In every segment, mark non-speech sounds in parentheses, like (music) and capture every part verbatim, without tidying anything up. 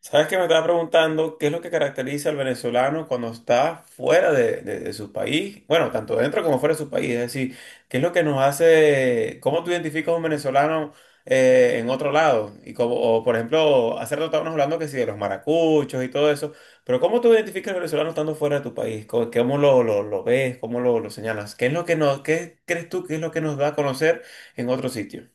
¿Sabes que me estaba preguntando qué es lo que caracteriza al venezolano cuando está fuera de, de- de su país? Bueno, tanto dentro como fuera de su país. Es decir, ¿qué es lo que nos hace, cómo tú identificas a un venezolano eh, en otro lado? Y como, o, por ejemplo, hace rato estábamos hablando que sí, de los maracuchos y todo eso, pero ¿cómo tú identificas al venezolano estando fuera de tu país? ¿Cómo, cómo lo, lo- lo ves? ¿Cómo lo, lo señalas? ¿Qué es lo que nos, ¿qué crees tú que es lo que nos da a conocer en otro sitio?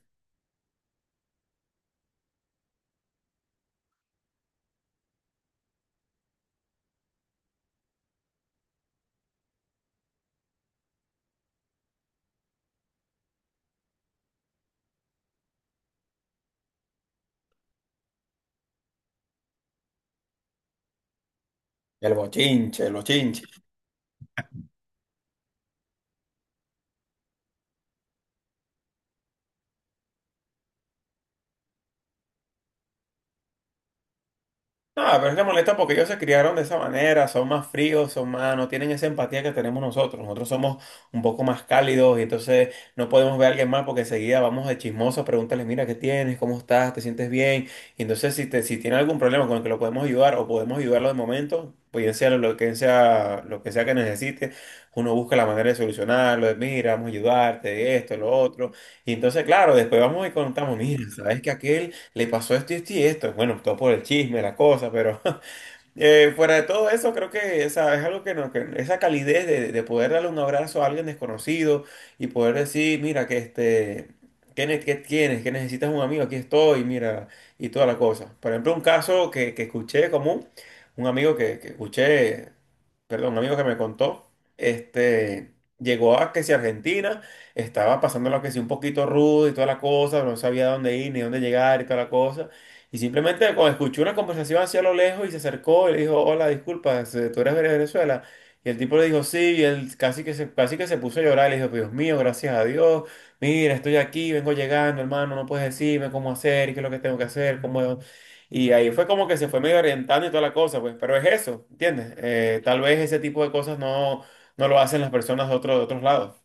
El bochinche, el bochinche. Ah, pero es que molesta porque ellos se criaron de esa manera, son más fríos, son más, no tienen esa empatía que tenemos nosotros. Nosotros somos un poco más cálidos y entonces no podemos ver a alguien más porque enseguida vamos de chismosos, pregúntales, mira, ¿qué tienes? ¿Cómo estás? ¿Te sientes bien? Y entonces si, te, si tiene algún problema con el que lo podemos ayudar o podemos ayudarlo de momento, pues bien sea lo que sea, lo que sea que necesite, uno busca la manera de solucionarlo, de mira, vamos a ayudarte, esto, lo otro. Y entonces, claro, después vamos y contamos, mira, ¿sabes que aquel le pasó esto y esto y esto? Bueno, todo por el chisme, la cosa, pero (laughs) eh, fuera de todo eso, creo que esa, es algo que, no, que esa calidez de, de poder darle un abrazo a alguien desconocido y poder decir, mira, que este, ¿qué, ne- ¿qué tienes? ¿Qué necesitas un amigo? Aquí estoy, mira, y toda la cosa. Por ejemplo, un caso que, que escuché común, un amigo que, que escuché, perdón, un amigo que me contó, este... Llegó a que si Argentina estaba pasando lo que si un poquito rudo y toda la cosa, no sabía dónde ir ni dónde llegar y toda la cosa. Y simplemente cuando escuchó una conversación hacia lo lejos y se acercó y le dijo, hola, disculpas, eh, tú eres de Venezuela. Y el tipo le dijo, sí, y él casi que se, casi que se puso a llorar. Le dijo, Dios mío, gracias a Dios, mira, estoy aquí, vengo llegando, hermano, no puedes decirme cómo hacer, qué es lo que tengo que hacer, cómo... Y ahí fue como que se fue medio orientando y toda la cosa, pues, pero es eso, ¿entiendes? Eh, tal vez ese tipo de cosas no, no lo hacen las personas de, otro, de otros lados.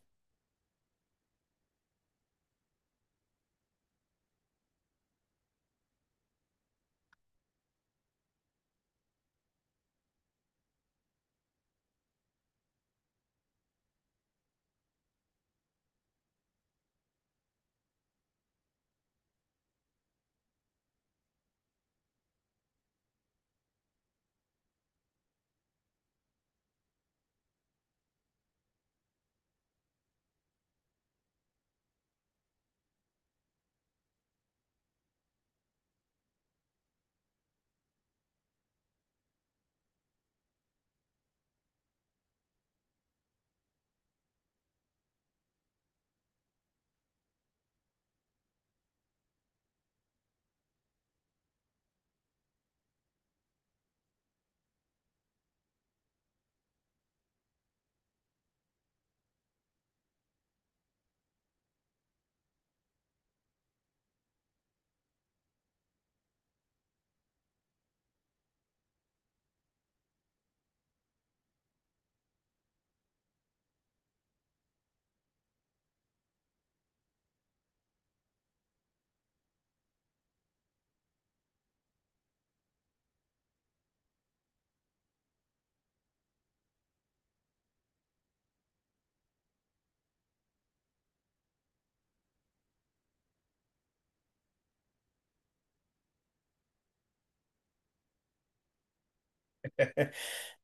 (laughs)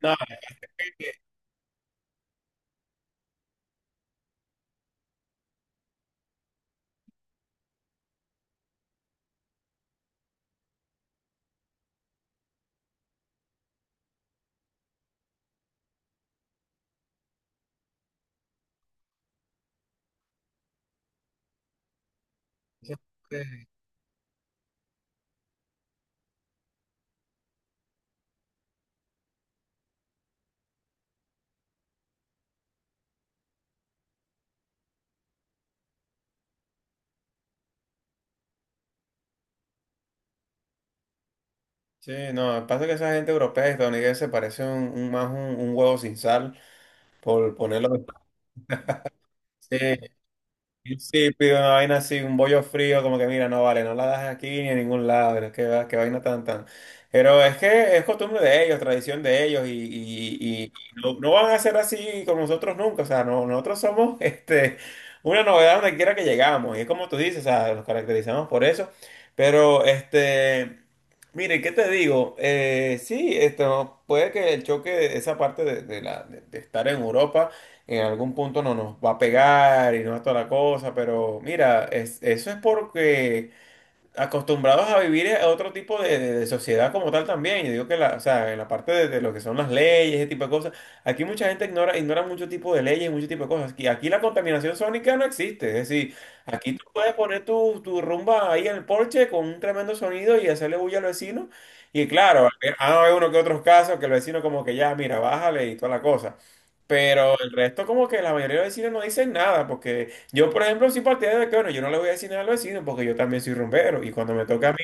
No, eso es- sí, no, pasa que esa gente europea y estadounidense parece un, un- más un un huevo sin sal. Por ponerlo de sí, sí, pido una vaina así, un bollo frío, como que mira, no vale, no la das aquí ni en ningún lado, que qué, va- qué vaina tan tan. Pero es que es costumbre de ellos, tradición de ellos, y, y- y- y no, no van a ser así con nosotros nunca. O sea, no, nosotros somos (laughs) este, una novedad donde quiera que llegamos. Y es como tú dices, o sea, nos caracterizamos por eso. Pero este. Mire, ¿qué te digo? Eh, sí, esto puede que el choque, esa parte de, de la, de de estar en Europa en algún punto no nos va a pegar y no es toda la cosa, pero mira, es- eso es porque acostumbrados a vivir a otro tipo de, de- de sociedad como tal también. Yo digo que la, o sea, en la parte de, de lo que son las leyes, ese tipo de cosas, aquí mucha gente ignora, ignora mucho tipo de leyes, mucho tipo de cosas. Aquí, aquí la contaminación sónica no existe. Es decir, aquí tú puedes poner tu, tu rumba ahí en el porche con un tremendo sonido y hacerle bulla al vecino. Y claro, ah hay uno que otros casos que el vecino como que ya, mira, bájale y toda la cosa. Pero el resto como que la mayoría de los vecinos no dicen nada porque... Yo, por ejemplo, soy partidario de que, bueno, yo no le voy a decir nada al vecino porque yo también soy rumbero y cuando me toca a mí,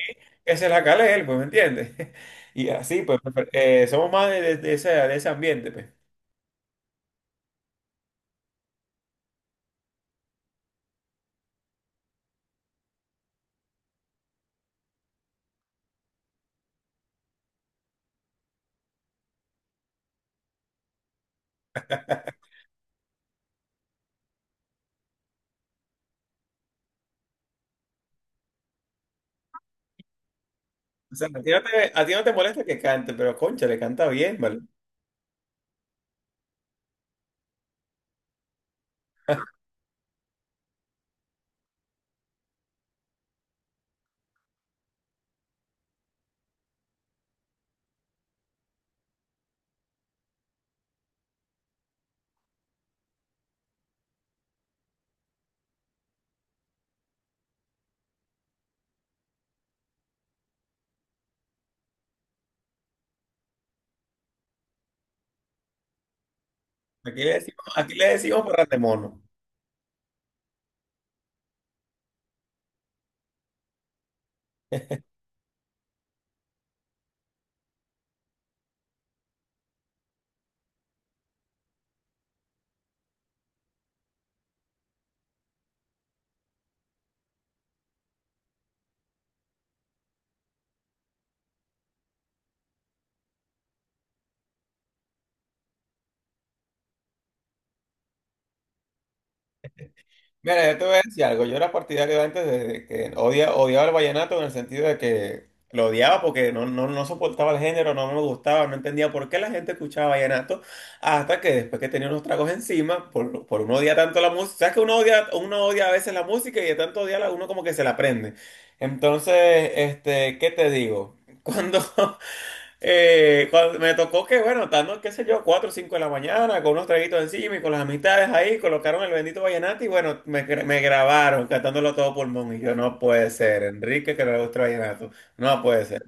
que se la cale él, pues, ¿me entiendes? (laughs) Y así, pues, prefer- eh, somos más de, de- de ese, de ese ambiente, pues. O sea, a ti no te, a ti no te molesta que cante, pero concha, le canta bien, ¿vale? Aquí le decimos, aquí le decimos parrandemono. Mira, yo te voy a decir algo. Yo era partidario antes de que odia, odiaba el vallenato en el sentido de que lo odiaba porque no, no, no soportaba el género, no me gustaba, no entendía por qué la gente escuchaba vallenato. Hasta que después que tenía unos tragos encima, por, por uno odia tanto la música. ¿Sabes que uno odia, uno odia a veces la música y de tanto odiarla uno como que se la aprende? Entonces, este, ¿qué te digo? Cuando, (laughs) Eh, cuando me tocó que, bueno, estando, qué sé yo, cuatro o cinco de la mañana, con unos traguitos encima y con las amistades ahí, colocaron el bendito vallenato y bueno, me, gra- me grabaron cantándolo a todo pulmón. Y yo, no puede ser, Enrique que le gusta el vallenato, no puede ser.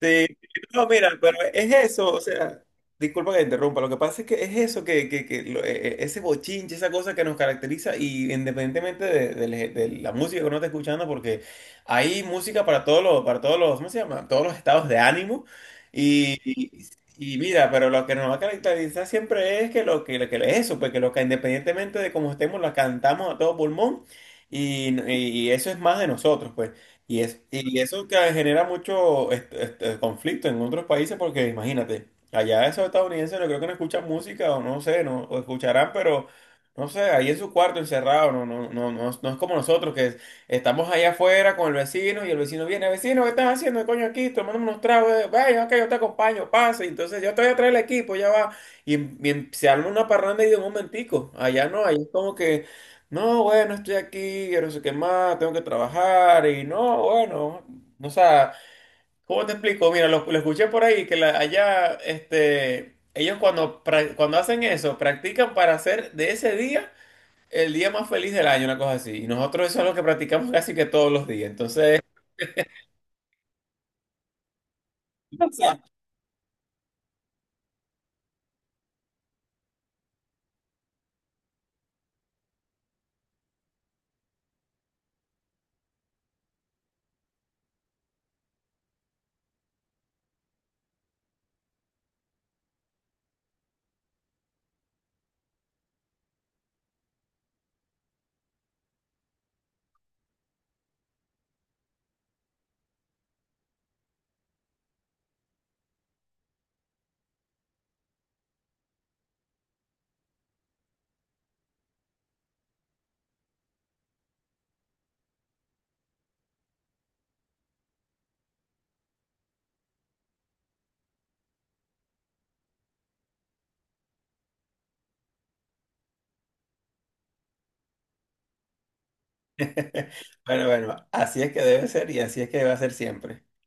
Sí, no, mira, pero es eso, o sea, disculpa que te interrumpa, lo que pasa es que es eso, que, que, que lo- e- e- ese bochinche, esa cosa que nos caracteriza y independientemente de, de la de la música que uno esté escuchando, porque hay música para todos los, para todos los, ¿cómo se llama? Todos los estados de ánimo y, y, y mira, pero lo que nos va a caracterizar siempre es que lo que, lo que es eso, porque lo que independientemente de cómo estemos, la cantamos a todo pulmón y, y y eso es más de nosotros, pues. Y, es, y eso que genera mucho este, este, conflicto en otros países porque imagínate, allá esos estadounidenses no creo que no escuchan música o no sé, no o escucharán, pero no sé, ahí en su cuarto encerrado, no, no, no, no, es no es como nosotros que es- estamos allá afuera con el vecino y el vecino viene, vecino, ¿qué estás haciendo, coño, aquí tomando unos tragos? Eh, Vaya, ok, yo te acompaño, pase, entonces yo te voy a traer el equipo, ya va. Y, y se arma una parranda y de un momentico, allá no, ahí es como que... No, bueno, estoy aquí, quiero no sé qué más, tengo que trabajar y no, bueno, o sea, ¿cómo te explico? Mira, lo, lo escuché por ahí que la- allá, este, ellos cuando, pra- cuando hacen eso, practican para hacer de ese día el día más feliz del año, una cosa así. Y nosotros eso es lo que practicamos casi que todos los días. Entonces, (laughs) bueno, bueno, así es que debe ser y así es que debe ser siempre.